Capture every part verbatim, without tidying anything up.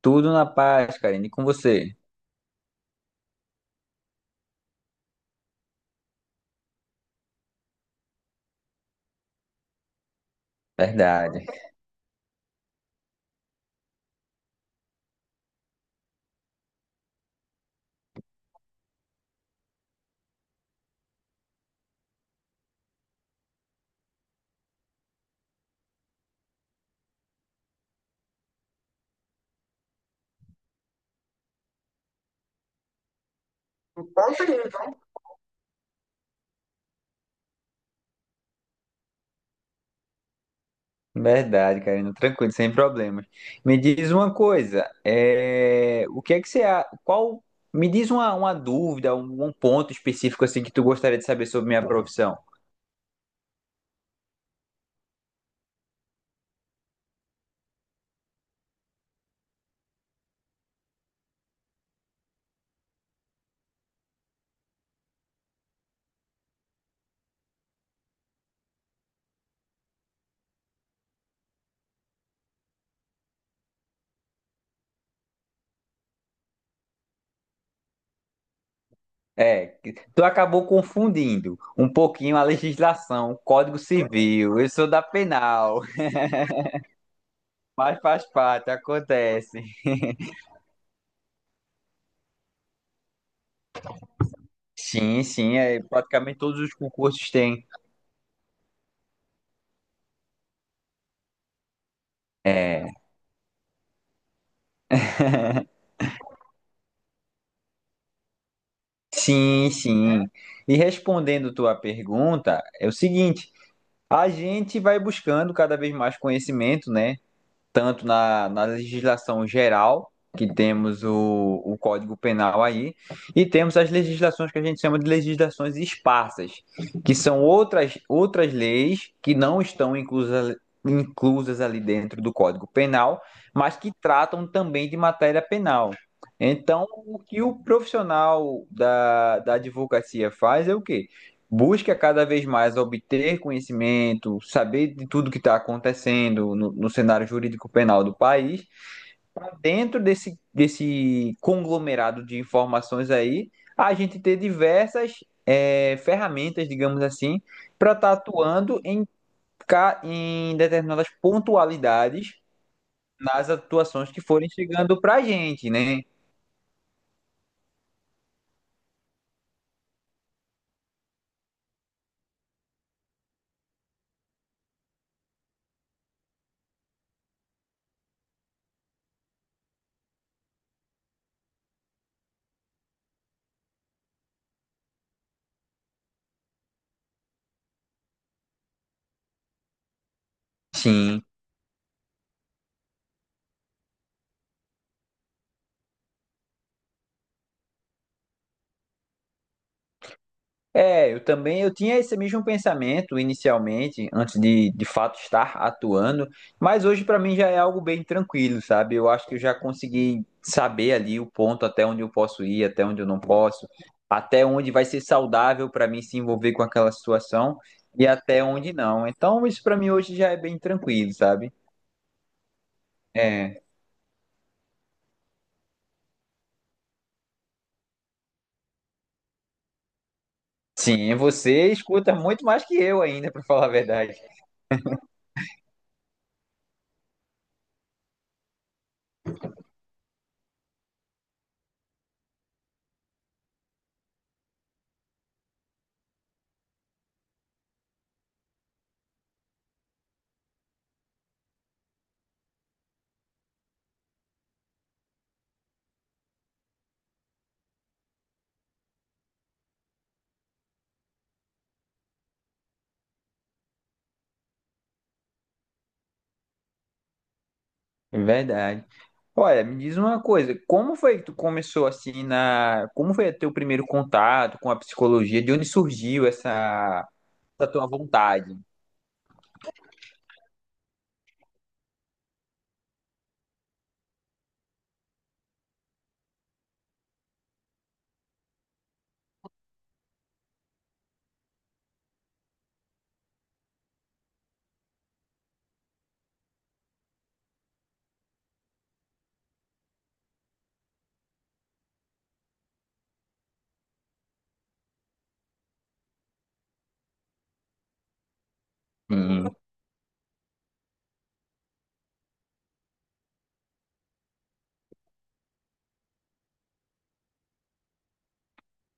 Tudo na paz, Karina, e com você? Verdade, verdade, Karina, tranquilo, sem problemas. Me diz uma coisa, é, o que é que você, a- qual, me diz uma, uma dúvida, um, um ponto específico assim que tu gostaria de saber sobre minha profissão. É que tu acabou confundindo um pouquinho a legislação, o Código Civil, eu sou da penal, mas faz parte, acontece. Sim, sim, é, praticamente todos os concursos têm. É. Sim, sim. E respondendo tua pergunta, é o seguinte: a gente vai buscando cada vez mais conhecimento, né? Tanto na, na legislação geral, que temos o, o Código Penal aí, e temos as legislações que a gente chama de legislações esparsas, que são outras, outras leis que não estão inclusas, inclusas ali dentro do Código Penal, mas que tratam também de matéria penal. Então, o que o profissional da, da advocacia faz é o quê? Busca cada vez mais obter conhecimento, saber de tudo que está acontecendo no, no cenário jurídico penal do país, para dentro desse, desse conglomerado de informações aí, a gente ter diversas é, ferramentas, digamos assim, para estar tá atuando em, em determinadas pontualidades nas atuações que forem chegando para a gente, né? Sim. É, eu também, eu tinha esse mesmo pensamento inicialmente, antes de de fato estar atuando, mas hoje para mim já é algo bem tranquilo, sabe? Eu acho que eu já consegui saber ali o ponto até onde eu posso ir, até onde eu não posso, até onde vai ser saudável para mim se envolver com aquela situação e até onde não. Então isso para mim hoje já é bem tranquilo, sabe? É. Sim, você escuta muito mais que eu ainda, para falar a verdade. É verdade. Olha, me diz uma coisa, como foi que tu começou assim na, como foi teu primeiro contato com a psicologia? De onde surgiu essa, essa tua vontade?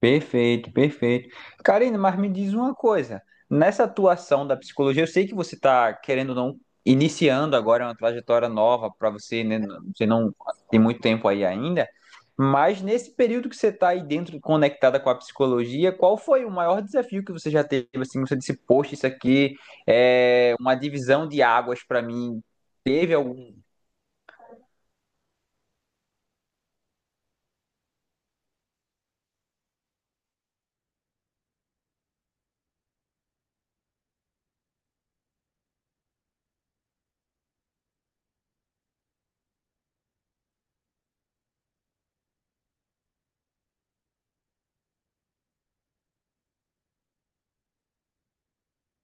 Perfeito, perfeito. Karina, mas me diz uma coisa. Nessa atuação da psicologia, eu sei que você está querendo ou não iniciando agora uma trajetória nova para você, né? Você não tem muito tempo aí ainda, mas nesse período que você está aí dentro, conectada com a psicologia, qual foi o maior desafio que você já teve? Assim, você disse, poxa, isso aqui é uma divisão de águas para mim. Teve algum?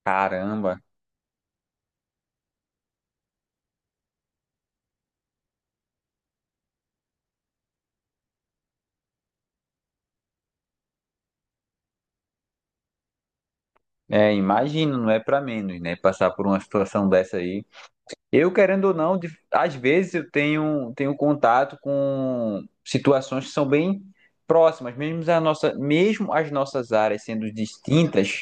Caramba, é, imagino, não é para menos, né? Passar por uma situação dessa aí. Eu, querendo ou não, de- às vezes eu tenho, tenho contato com situações que são bem próximas, mesmo, a nossa, mesmo as nossas áreas sendo distintas,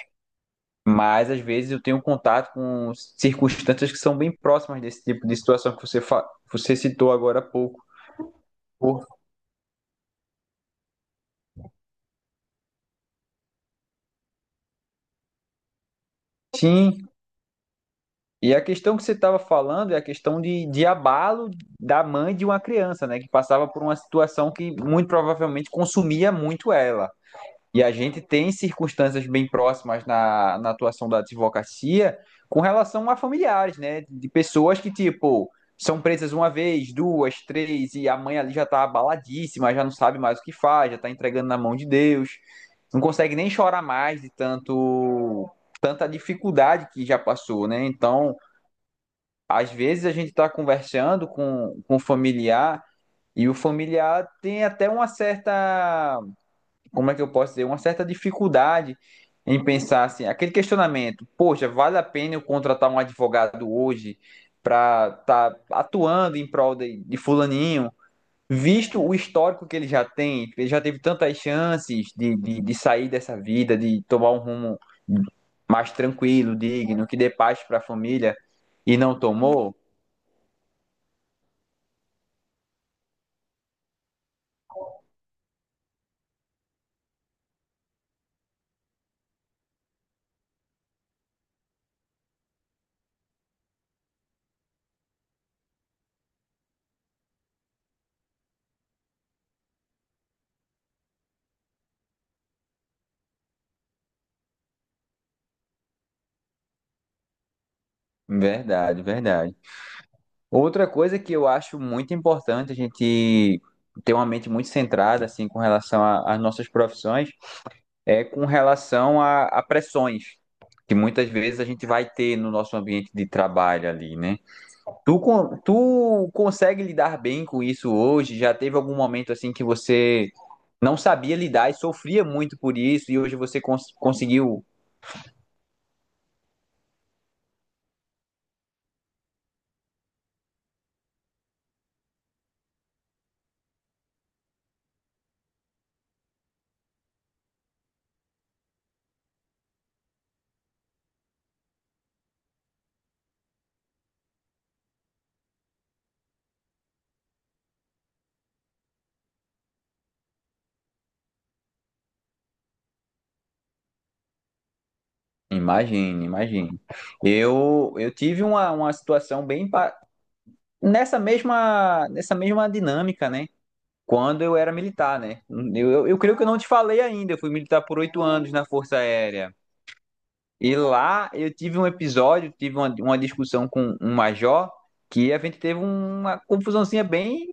mas às vezes eu tenho contato com circunstâncias que são bem próximas desse tipo de situação que você, fa- você citou agora há pouco. Por- Sim, e a questão que você estava falando é a questão de, de abalo da mãe de uma criança, né, que passava por uma situação que muito provavelmente consumia muito ela. E a gente tem circunstâncias bem próximas na, na atuação da advocacia com relação a familiares, né? De pessoas que, tipo, são presas uma vez, duas, três, e a mãe ali já tá abaladíssima, já não sabe mais o que faz, já tá entregando na mão de Deus, não consegue nem chorar mais de tanto tanta dificuldade que já passou, né? Então, às vezes a gente tá conversando com, com o familiar e o familiar tem até uma certa como é que eu posso dizer, uma certa dificuldade em pensar assim, aquele questionamento, poxa, vale a pena eu contratar um advogado hoje para estar tá atuando em prol de, de fulaninho, visto o histórico que ele já tem, ele já teve tantas chances de, de, de sair dessa vida, de tomar um rumo mais tranquilo, digno, que dê paz para a família e não tomou? Verdade, verdade. Outra coisa que eu acho muito importante a gente ter uma mente muito centrada, assim, com relação a- às nossas profissões, é com relação a, a pressões que muitas vezes a gente vai ter no nosso ambiente de trabalho ali, né? Tu, con- tu consegue lidar bem com isso hoje? Já teve algum momento, assim, que você não sabia lidar e sofria muito por isso e hoje você cons- conseguiu? Imagine, imagine. Eu, eu tive uma, uma situação bem, pa- nessa mesma, nessa mesma dinâmica, né? Quando eu era militar, né? Eu, eu, eu creio que eu não te falei ainda. Eu fui militar por oito anos na Força Aérea. E lá eu tive um episódio, tive uma, uma discussão com um major, que a gente teve uma confusãozinha bem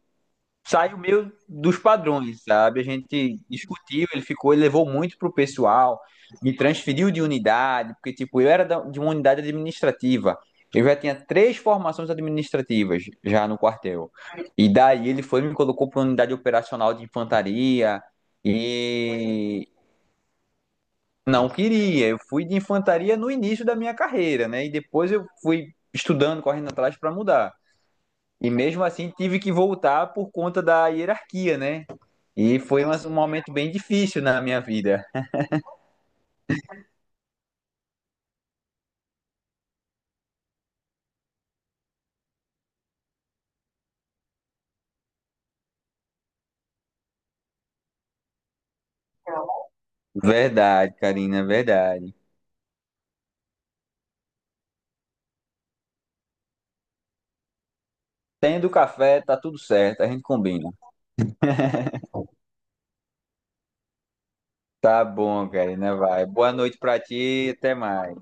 saiu meio dos padrões, sabe? A gente discutiu, ele ficou, ele levou muito pro pessoal, me transferiu de unidade, porque, tipo, eu era da- de uma unidade administrativa. Eu já tinha três formações administrativas já no quartel. E daí ele foi e me colocou para unidade operacional de infantaria e não queria. Eu fui de infantaria no início da minha carreira, né? E depois eu fui estudando, correndo atrás para mudar. E mesmo assim tive que voltar por conta da hierarquia, né? E foi um um momento bem difícil na minha vida. Verdade, Karina, verdade. Tendo café, tá tudo certo, a gente combina. Tá bom, Karina, vai. Boa noite pra ti, até mais.